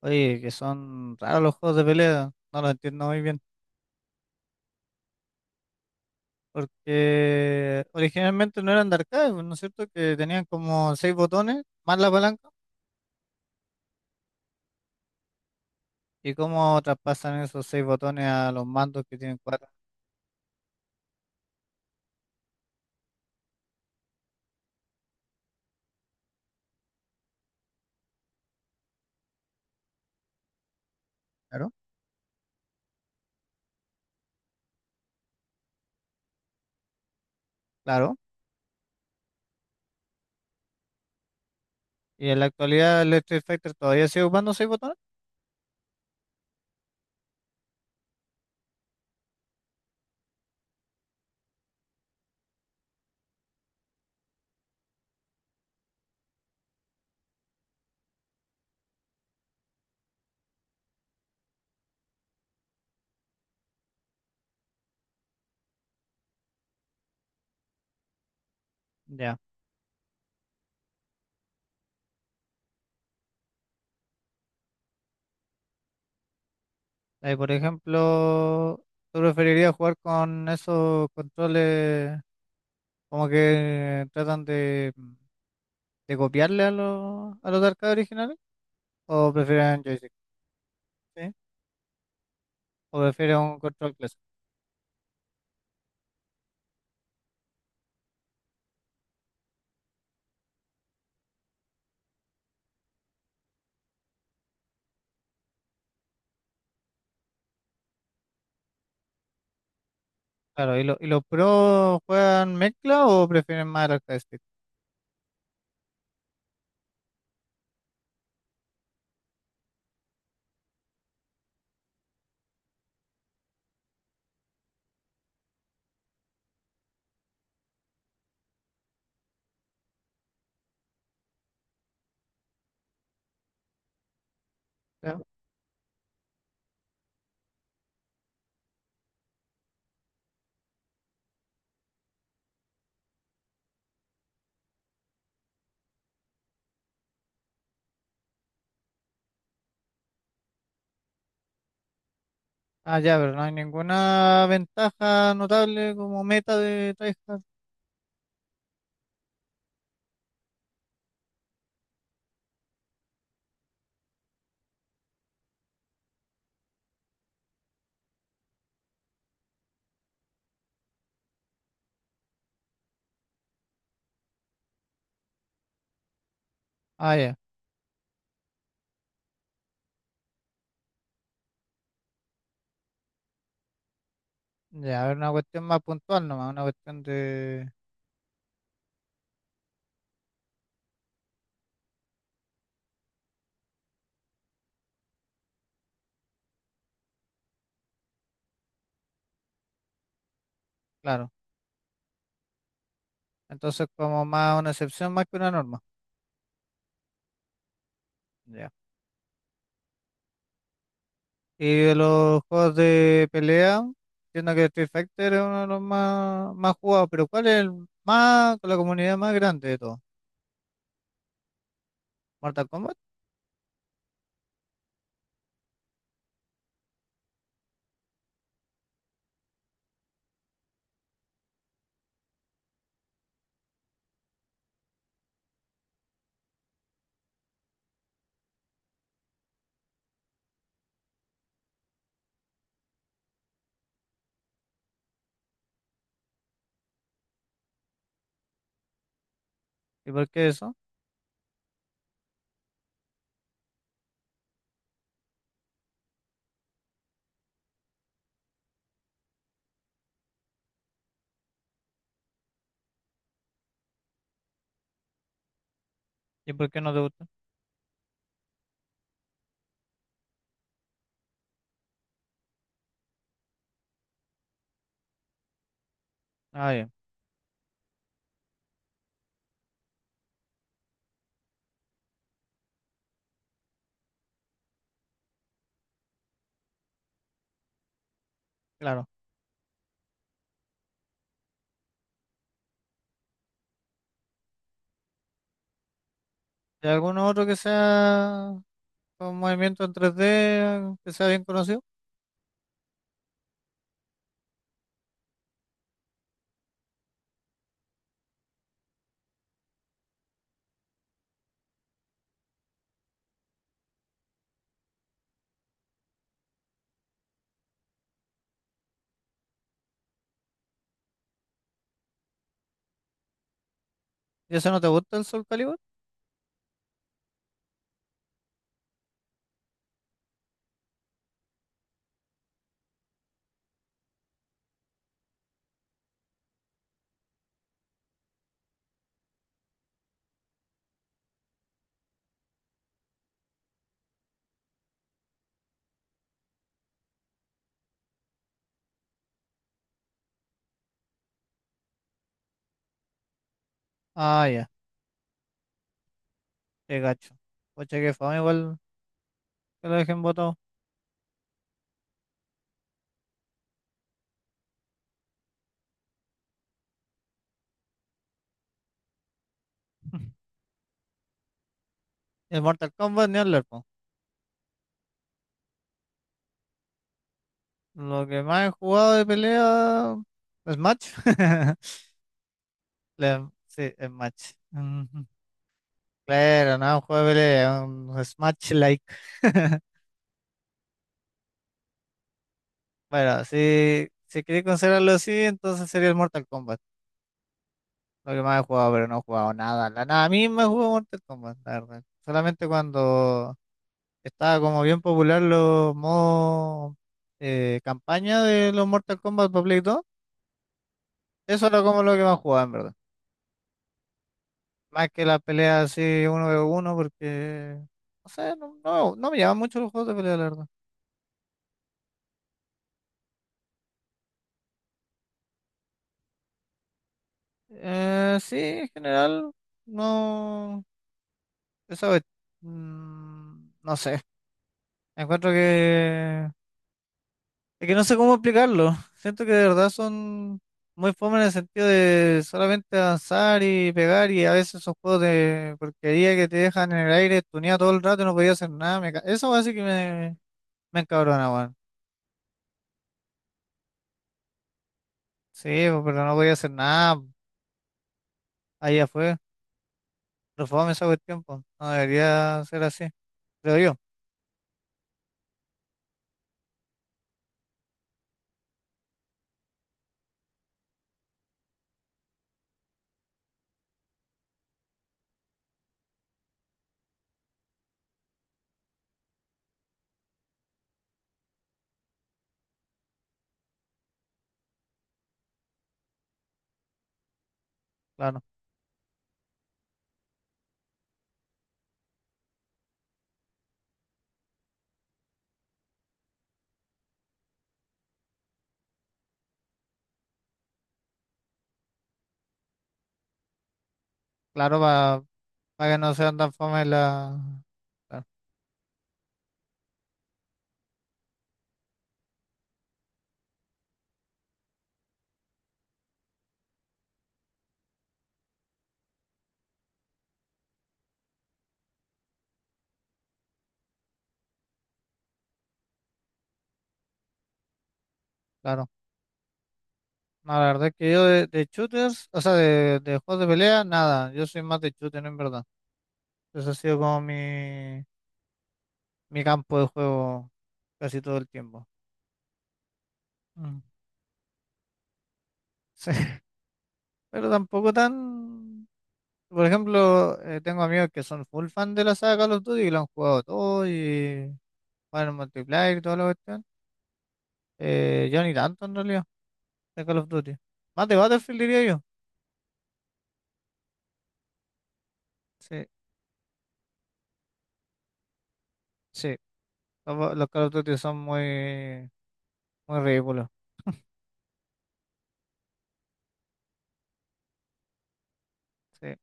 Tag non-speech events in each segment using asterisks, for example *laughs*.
Oye, que son raros los juegos de pelea, no lo entiendo muy bien, porque originalmente no eran de arcade, pues, ¿no es cierto? Que tenían como seis botones, más la palanca, y cómo traspasan esos seis botones a los mandos que tienen cuatro. Claro, claro. Y en la actualidad el Street Fighter todavía sigue ocupando seis botones. Ya. Ahí, por ejemplo, ¿tú preferirías jugar con esos controles como que tratan de copiarle a a los de arcade originales? ¿O prefieren joystick? ¿O prefieren un control clásico? Claro, ¿y, y los pros juegan mezcla o prefieren más el arcade stick? Ya. Ah, ya, pero no hay ninguna ventaja notable como meta de tryhard. Ah, ya. Ya, es una cuestión más puntual nomás, una cuestión de... Claro. Entonces como más una excepción más que una norma. Ya. Y de los juegos de pelea, entiendo que Street Fighter es uno de los más, más jugados, pero ¿cuál es el más, con la comunidad más grande de todos? ¿Mortal Kombat? ¿Y por qué eso? ¿Y por qué no te gusta? Ah, ya. Claro. ¿Y alguno otro que sea con movimiento en tres d que sea bien conocido? ¿Y ese no te gusta el Soul Calibur? Ah, ya, qué gacho. Pucha, qué fama igual que lo dejen botado. El Mortal Kombat ni hablar, po. Lo que más he jugado de pelea es Match. *laughs* Sí, es Match. Ujú. Claro, no, un juego de pelea, un Smash-like. *laughs* Bueno, si, si queréis considerarlo así, entonces sería el Mortal Kombat. Lo que más he jugado, pero no he jugado nada. La nada a mí me jugó Mortal Kombat, la verdad. Solamente cuando estaba como bien popular los modos campaña de los Mortal Kombat para Play 2. Eso era como lo que más jugaba, en verdad. Más que las peleas así uno v uno, porque no sé, no me llaman mucho los juegos de pelea, la verdad. Sí, en general, no. Eso no sé. Encuentro que. Es que no sé cómo explicarlo. Siento que de verdad son muy fome en el sentido de solamente avanzar y pegar y a veces son juegos de porquería que te dejan en el aire tuneado todo el rato y no podía hacer nada. Eso así que me encabrona, weón. Sí, pues, pero no podía hacer nada. Allá fue. Pero fome esa cuestión, pues. No debería ser así. Creo yo, claro. Claro, para que no sean tan fome la... Claro, claro. No, la verdad es que yo de shooters, o sea, de juegos de pelea, nada. Yo soy más de shooters, en verdad. Eso ha sido como mi campo de juego casi todo el tiempo. Mm. Sí, *laughs* pero tampoco tan... Por ejemplo, tengo amigos que son full fan de la saga Call of Duty y lo han jugado todo y juegan en multiplayer y toda la cuestión. Yo ni tanto en realidad de Call of Duty. Más de Battlefield diría yo. Sí, sí. Los Call of Duty son muy, muy ridículos. Sí.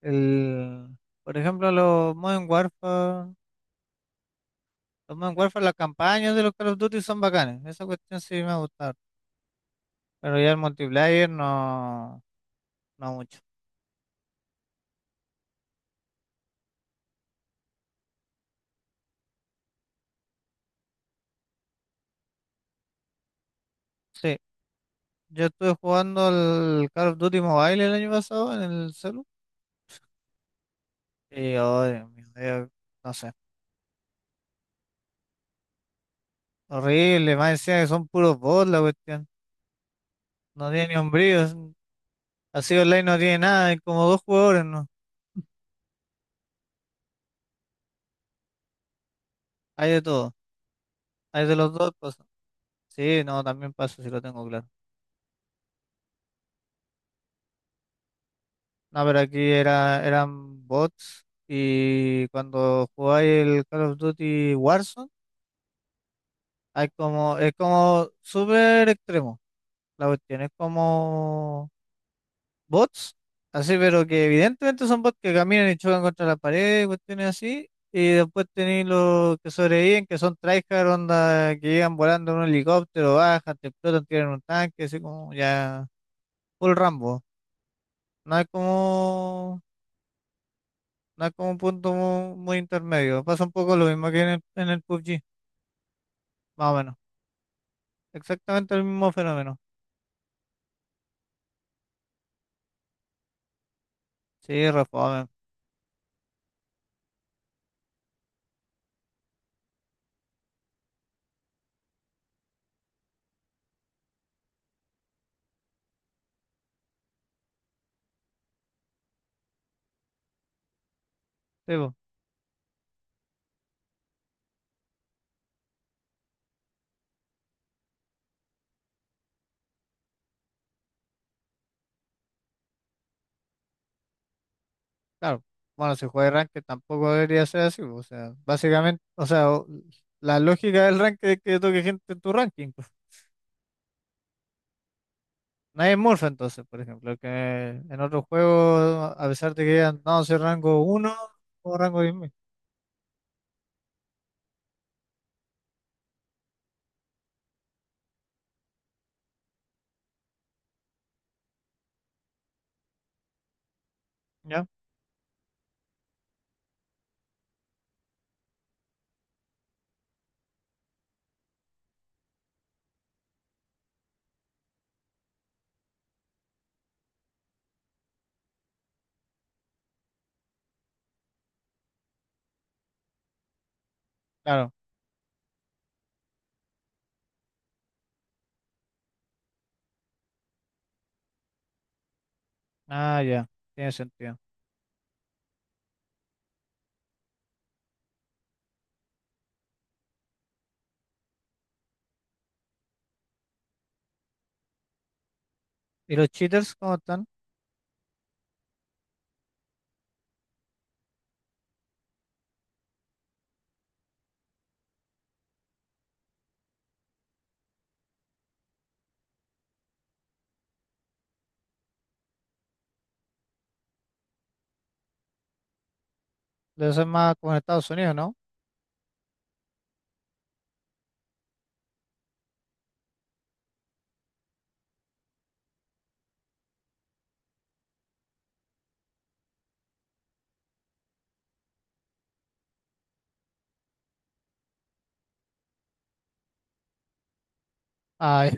El, por ejemplo, los Modern Warfare. Los Modern Warfare, las campañas de los Call of Duty son bacanes. Esa cuestión sí me ha gustado. Pero ya el multiplayer no, no mucho. Sí, yo estuve jugando el Call of Duty Mobile el año pasado en el celu. Y, oh, Dios mío, yo- no sé. Horrible, más decía que son puros bots la cuestión. No tiene ni un brillo. Así online no tiene nada. Hay como dos jugadores, ¿no? Hay de todo. Hay de los dos cosas. Sí, no, también paso si lo tengo claro. No, pero aquí era, eran bots y cuando jugáis el Call of Duty Warzone, hay como, es como súper extremo. La cuestión es como bots, así, pero que evidentemente son bots que caminan y chocan contra la pared, cuestiones así. Y después tenéis los que sobreviven, que son tryhard, onda, que llegan volando en un helicóptero, bajan, te explotan, tiran un tanque, así como ya, full Rambo. No hay como No es como un punto muy, intermedio. Pasa un poco lo mismo que en el PUBG, más o menos. Exactamente el mismo fenómeno. Sí, reformen. Sí, po, claro. Bueno, si juega ranked tampoco debería ser así. Po, o sea, básicamente, o sea, la lógica del ranked es que toque gente en tu ranking, pues. Nadie es Morph entonces, por ejemplo, que en otros juegos, a pesar de que hayan dado ese rango uno o rango 10.000, ¿ya? Claro. Ah, ya. Tiene sentido. ¿Y los cheaters cómo están? Debe ser más como en Estados Unidos, ¿no? Ah,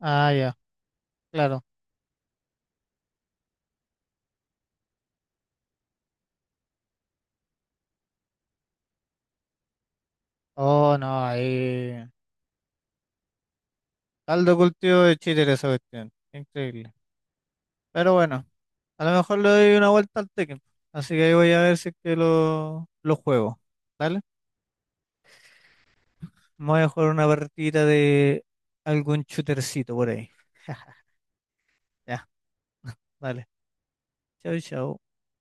ah, ya, claro. Oh, no, ahí. Caldo cultivo de cheater esa cuestión. Increíble. Pero bueno, a lo mejor le doy una vuelta al Tekken. Así que ahí voy a ver si es que lo juego. ¿Dale? Me voy a jugar una partida de algún shootercito por ahí. Ya, dale. Chau, chau.